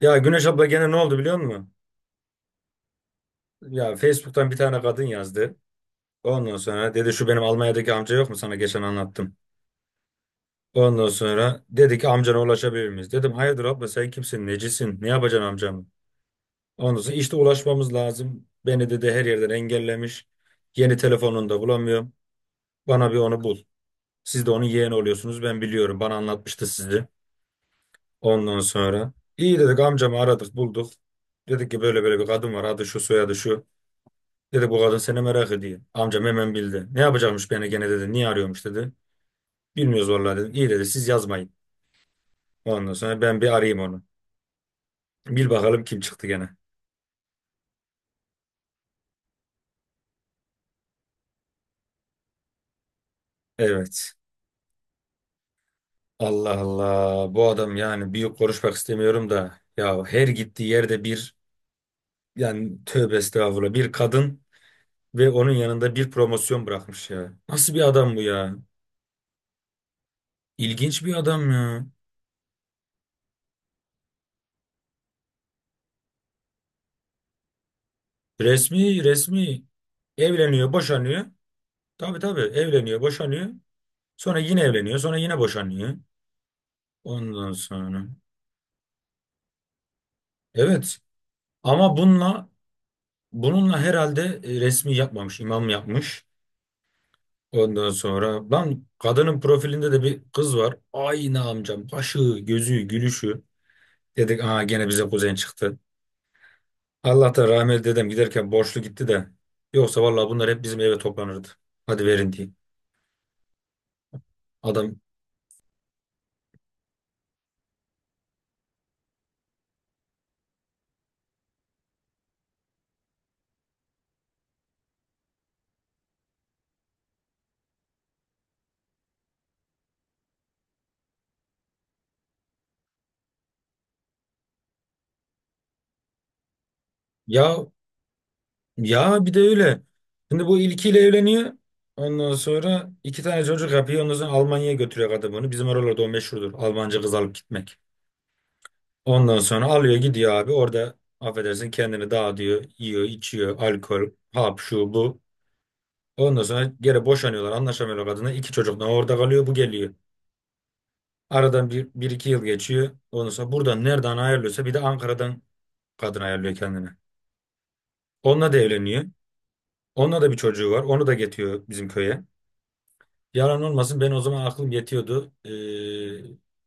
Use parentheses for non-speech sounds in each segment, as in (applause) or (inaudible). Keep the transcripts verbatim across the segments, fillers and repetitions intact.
Ya Güneş abla gene ne oldu biliyor musun? Ya Facebook'tan bir tane kadın yazdı. Ondan sonra dedi şu benim Almanya'daki amca yok mu sana geçen anlattım. Ondan sonra dedi ki amcana ulaşabilir miyiz? Dedim hayırdır abla sen kimsin necisin ne yapacaksın amcamı? Ondan sonra işte ulaşmamız lazım. Beni dedi her yerden engellemiş. Yeni telefonunu da bulamıyorum. Bana bir onu bul. Siz de onun yeğeni oluyorsunuz ben biliyorum bana anlatmıştı sizi. Ondan sonra iyi dedik amcamı aradık bulduk. Dedik ki böyle böyle bir kadın var adı şu soyadı şu. Dedi bu kadın seni merak ediyor. Amcam hemen bildi. Ne yapacakmış beni gene dedi. Niye arıyormuş dedi. Bilmiyoruz vallahi dedim. İyi dedi siz yazmayın. Ondan sonra ben bir arayayım onu. Bil bakalım kim çıktı gene. Evet. Allah Allah. Bu adam yani büyük konuşmak istemiyorum da. Ya her gittiği yerde bir yani tövbe estağfurullah bir kadın ve onun yanında bir promosyon bırakmış ya. Nasıl bir adam bu ya? İlginç bir adam ya. Resmi resmi evleniyor boşanıyor. Tabii tabii evleniyor boşanıyor. Sonra yine evleniyor, sonra yine boşanıyor. Ondan sonra. Evet. Ama bununla bununla herhalde e, resmi yapmamış, imam yapmış. Ondan sonra lan kadının profilinde de bir kız var. Aynı amcam. Başı, gözü, gülüşü. Dedik aa gene bize kuzen çıktı. Allah da rahmet dedem giderken borçlu gitti de. Yoksa vallahi bunlar hep bizim eve toplanırdı. Hadi verin diye. Adam ya. Ya bir de öyle. Şimdi bu ilkiyle evleniyor. Ondan sonra iki tane çocuk yapıyor. Ondan sonra Almanya'ya götürüyor kadın bunu. Bizim oralarda o meşhurdur. Almanca kız alıp gitmek. Ondan sonra alıyor gidiyor abi. Orada affedersin kendini dağıtıyor. Yiyor, içiyor. Alkol, hap, şu, bu. Ondan sonra geri boşanıyorlar. Anlaşamıyorlar kadına. İki çocuk da orada kalıyor. Bu geliyor. Aradan bir, bir iki yıl geçiyor. Ondan sonra buradan nereden ayarlıyorsa bir de Ankara'dan kadın ayarlıyor kendine. Onunla da evleniyor. Onunla da bir çocuğu var. Onu da getiriyor bizim köye. Yalan olmasın ben o zaman aklım yetiyordu. Ee,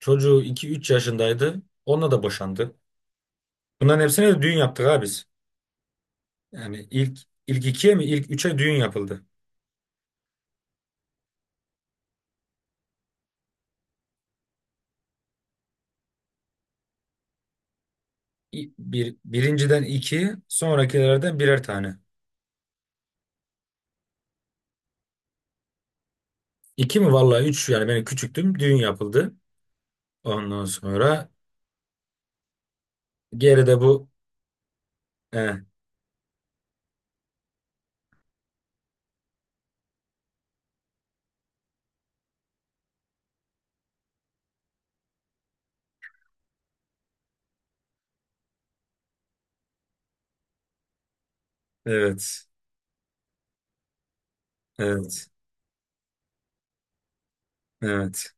Çocuğu iki üç yaşındaydı. Onunla da boşandı. Bunların hepsine de düğün yaptık abi biz. Yani ilk ilk ikiye mi ilk üçe düğün yapıldı. İ- Bir, birinciden iki sonrakilerden birer tane. İki mi vallahi üç yani ben küçüktüm düğün yapıldı. Ondan sonra geride bu eh, evet evet evet.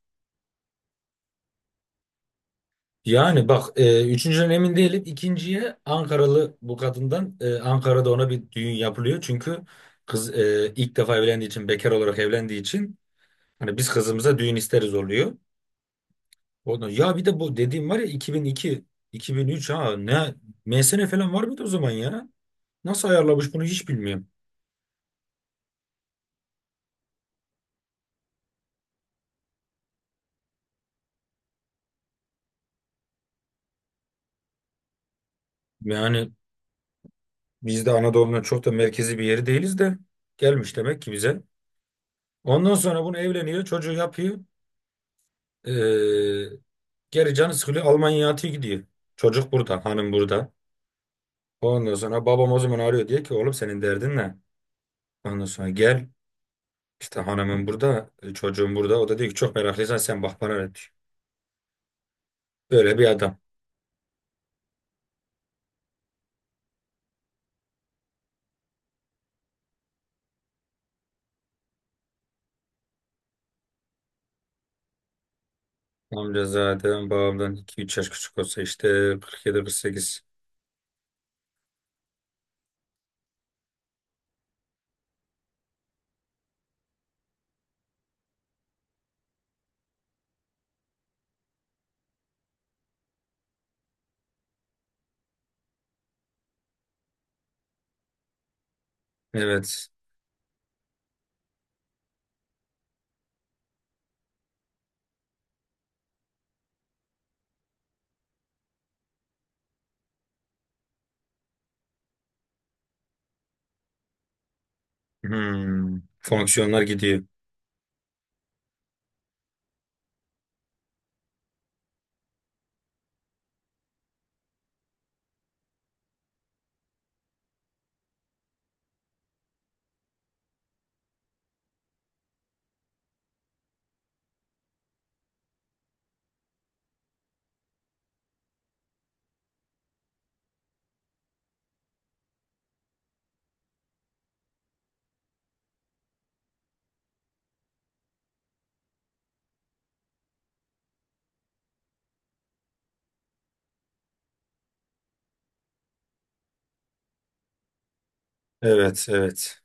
Yani bak e, üçüncüden emin değilim. İkinciye Ankaralı bu kadından e, Ankara'da ona bir düğün yapılıyor. Çünkü kız e, ilk defa evlendiği için bekar olarak evlendiği için hani biz kızımıza düğün isteriz oluyor. Ondan, ya bir de bu dediğim var ya iki bin iki iki bin üç ha ne M S N falan var mıydı o zaman ya? Nasıl ayarlamış bunu hiç bilmiyorum. Yani biz de Anadolu'nun çok da merkezi bir yeri değiliz de gelmiş demek ki bize. Ondan sonra bunu evleniyor çocuğu yapıyor. Ee, Geri canı sıkılıyor. Almanya'ya atıyor gidiyor. Çocuk burada. Hanım burada. Ondan sonra babam o zaman arıyor. Diyor ki oğlum senin derdin ne? Ondan sonra gel. İşte hanımın burada. e, Çocuğum burada. O da diyor ki çok meraklıysan sen bak bana ne diyor. Böyle bir adam. Amca zaten babamdan iki üç yaş küçük olsa işte kırk yedi sekiz. Evet. Hmm. Fonksiyonlar gidiyor. Evet evet.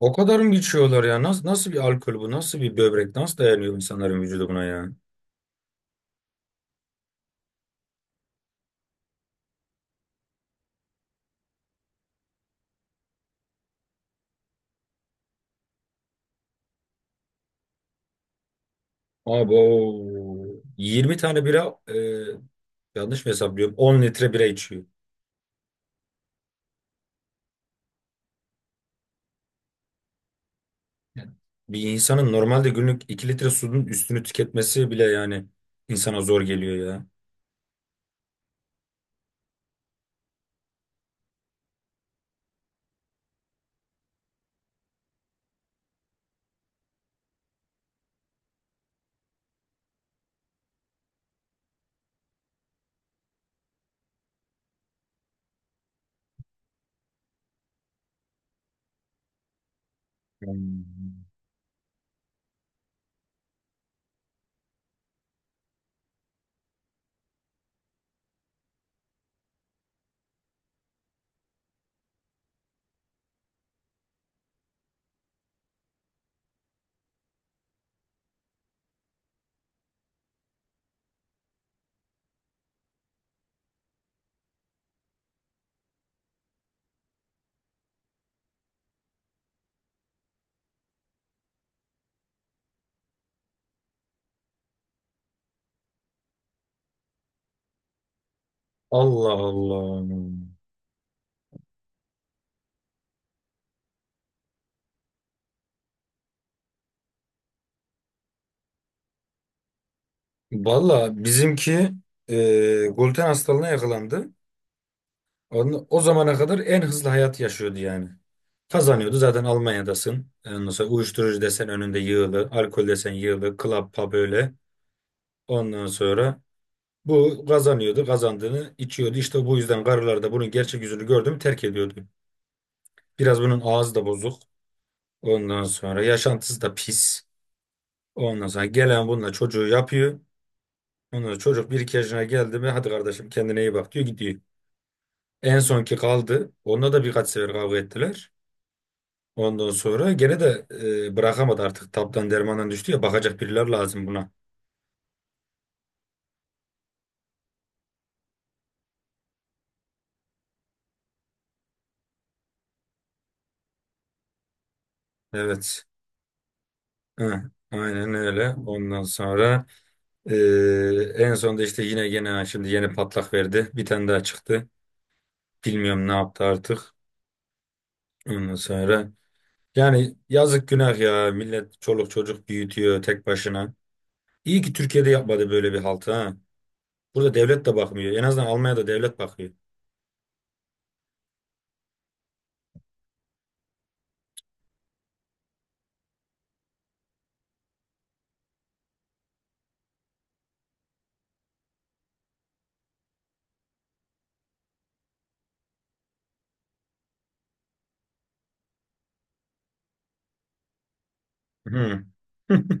O kadar mı geçiyorlar ya? Nasıl, nasıl bir alkol bu? Nasıl bir böbrek? Nasıl dayanıyor insanların vücudu buna ya? Abi o yirmi tane bira e, yanlış mı hesaplıyorum? on litre bira içiyor. Yani bir insanın normalde günlük iki litre suyun üstünü tüketmesi bile yani insana zor geliyor ya. Hmm. Allah Allah. Valla bizimki e, gluten hastalığına yakalandı. Onu- O zamana kadar en hızlı hayat yaşıyordu yani. Kazanıyordu zaten Almanya'dasın. Ondan sonra uyuşturucu desen önünde yığılı, alkol desen yığılı, club pub öyle. Ondan sonra bu kazanıyordu, kazandığını içiyordu. İşte bu yüzden karılar da bunun gerçek yüzünü gördü mü terk ediyordu. Biraz bunun ağzı da bozuk. Ondan sonra yaşantısı da pis. Ondan sonra gelen bununla çocuğu yapıyor. Ondan sonra çocuk bir iki yaşına geldi mi hadi kardeşim kendine iyi bak diyor gidiyor. En sonki kaldı. Onunla da birkaç sefer kavga ettiler. Ondan sonra gene de e, bırakamadı artık. Taptan dermandan düştü ya bakacak biriler lazım buna. Evet. Hı, aynen öyle. Ondan sonra. Ee, En sonunda işte yine yine şimdi yeni patlak verdi. Bir tane daha çıktı. Bilmiyorum ne yaptı artık. Ondan sonra yani yazık günah ya. Millet çoluk çocuk büyütüyor tek başına. İyi ki Türkiye'de yapmadı böyle bir haltı ha. Burada devlet de bakmıyor. En azından Almanya'da devlet bakıyor. Hı. (laughs)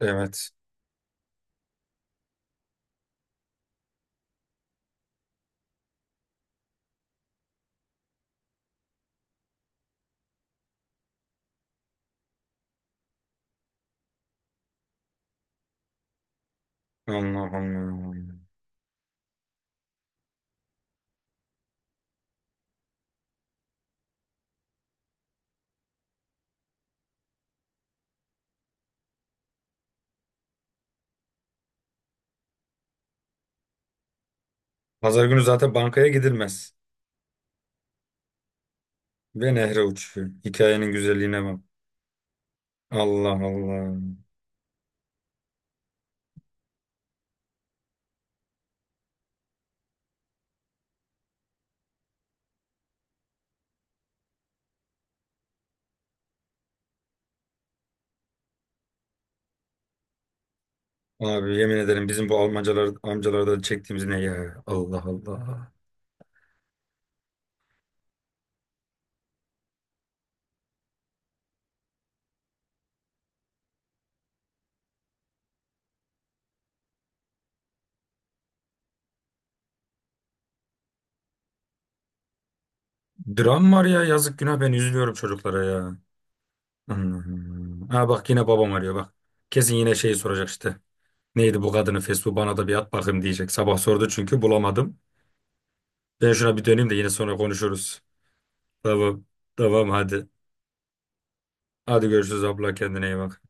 Evet. Allah Allah. Pazar günü zaten bankaya gidilmez. Ve nehre uçuyor. Hikayenin güzelliğine bak. Allah Allah. Abi yemin ederim bizim bu Almancalar, amcalardan çektiğimiz ne ya? Allah Allah. Dram var ya yazık günah ben üzülüyorum çocuklara ya. Hmm. Ha bak yine babam arıyor bak. Kesin yine şeyi soracak işte. Neydi bu kadının Facebook'u bana da bir at bakayım diyecek. Sabah sordu çünkü bulamadım. Ben şuna bir döneyim de yine sonra konuşuruz. Tamam. Tamam hadi. Hadi görüşürüz abla kendine iyi bak.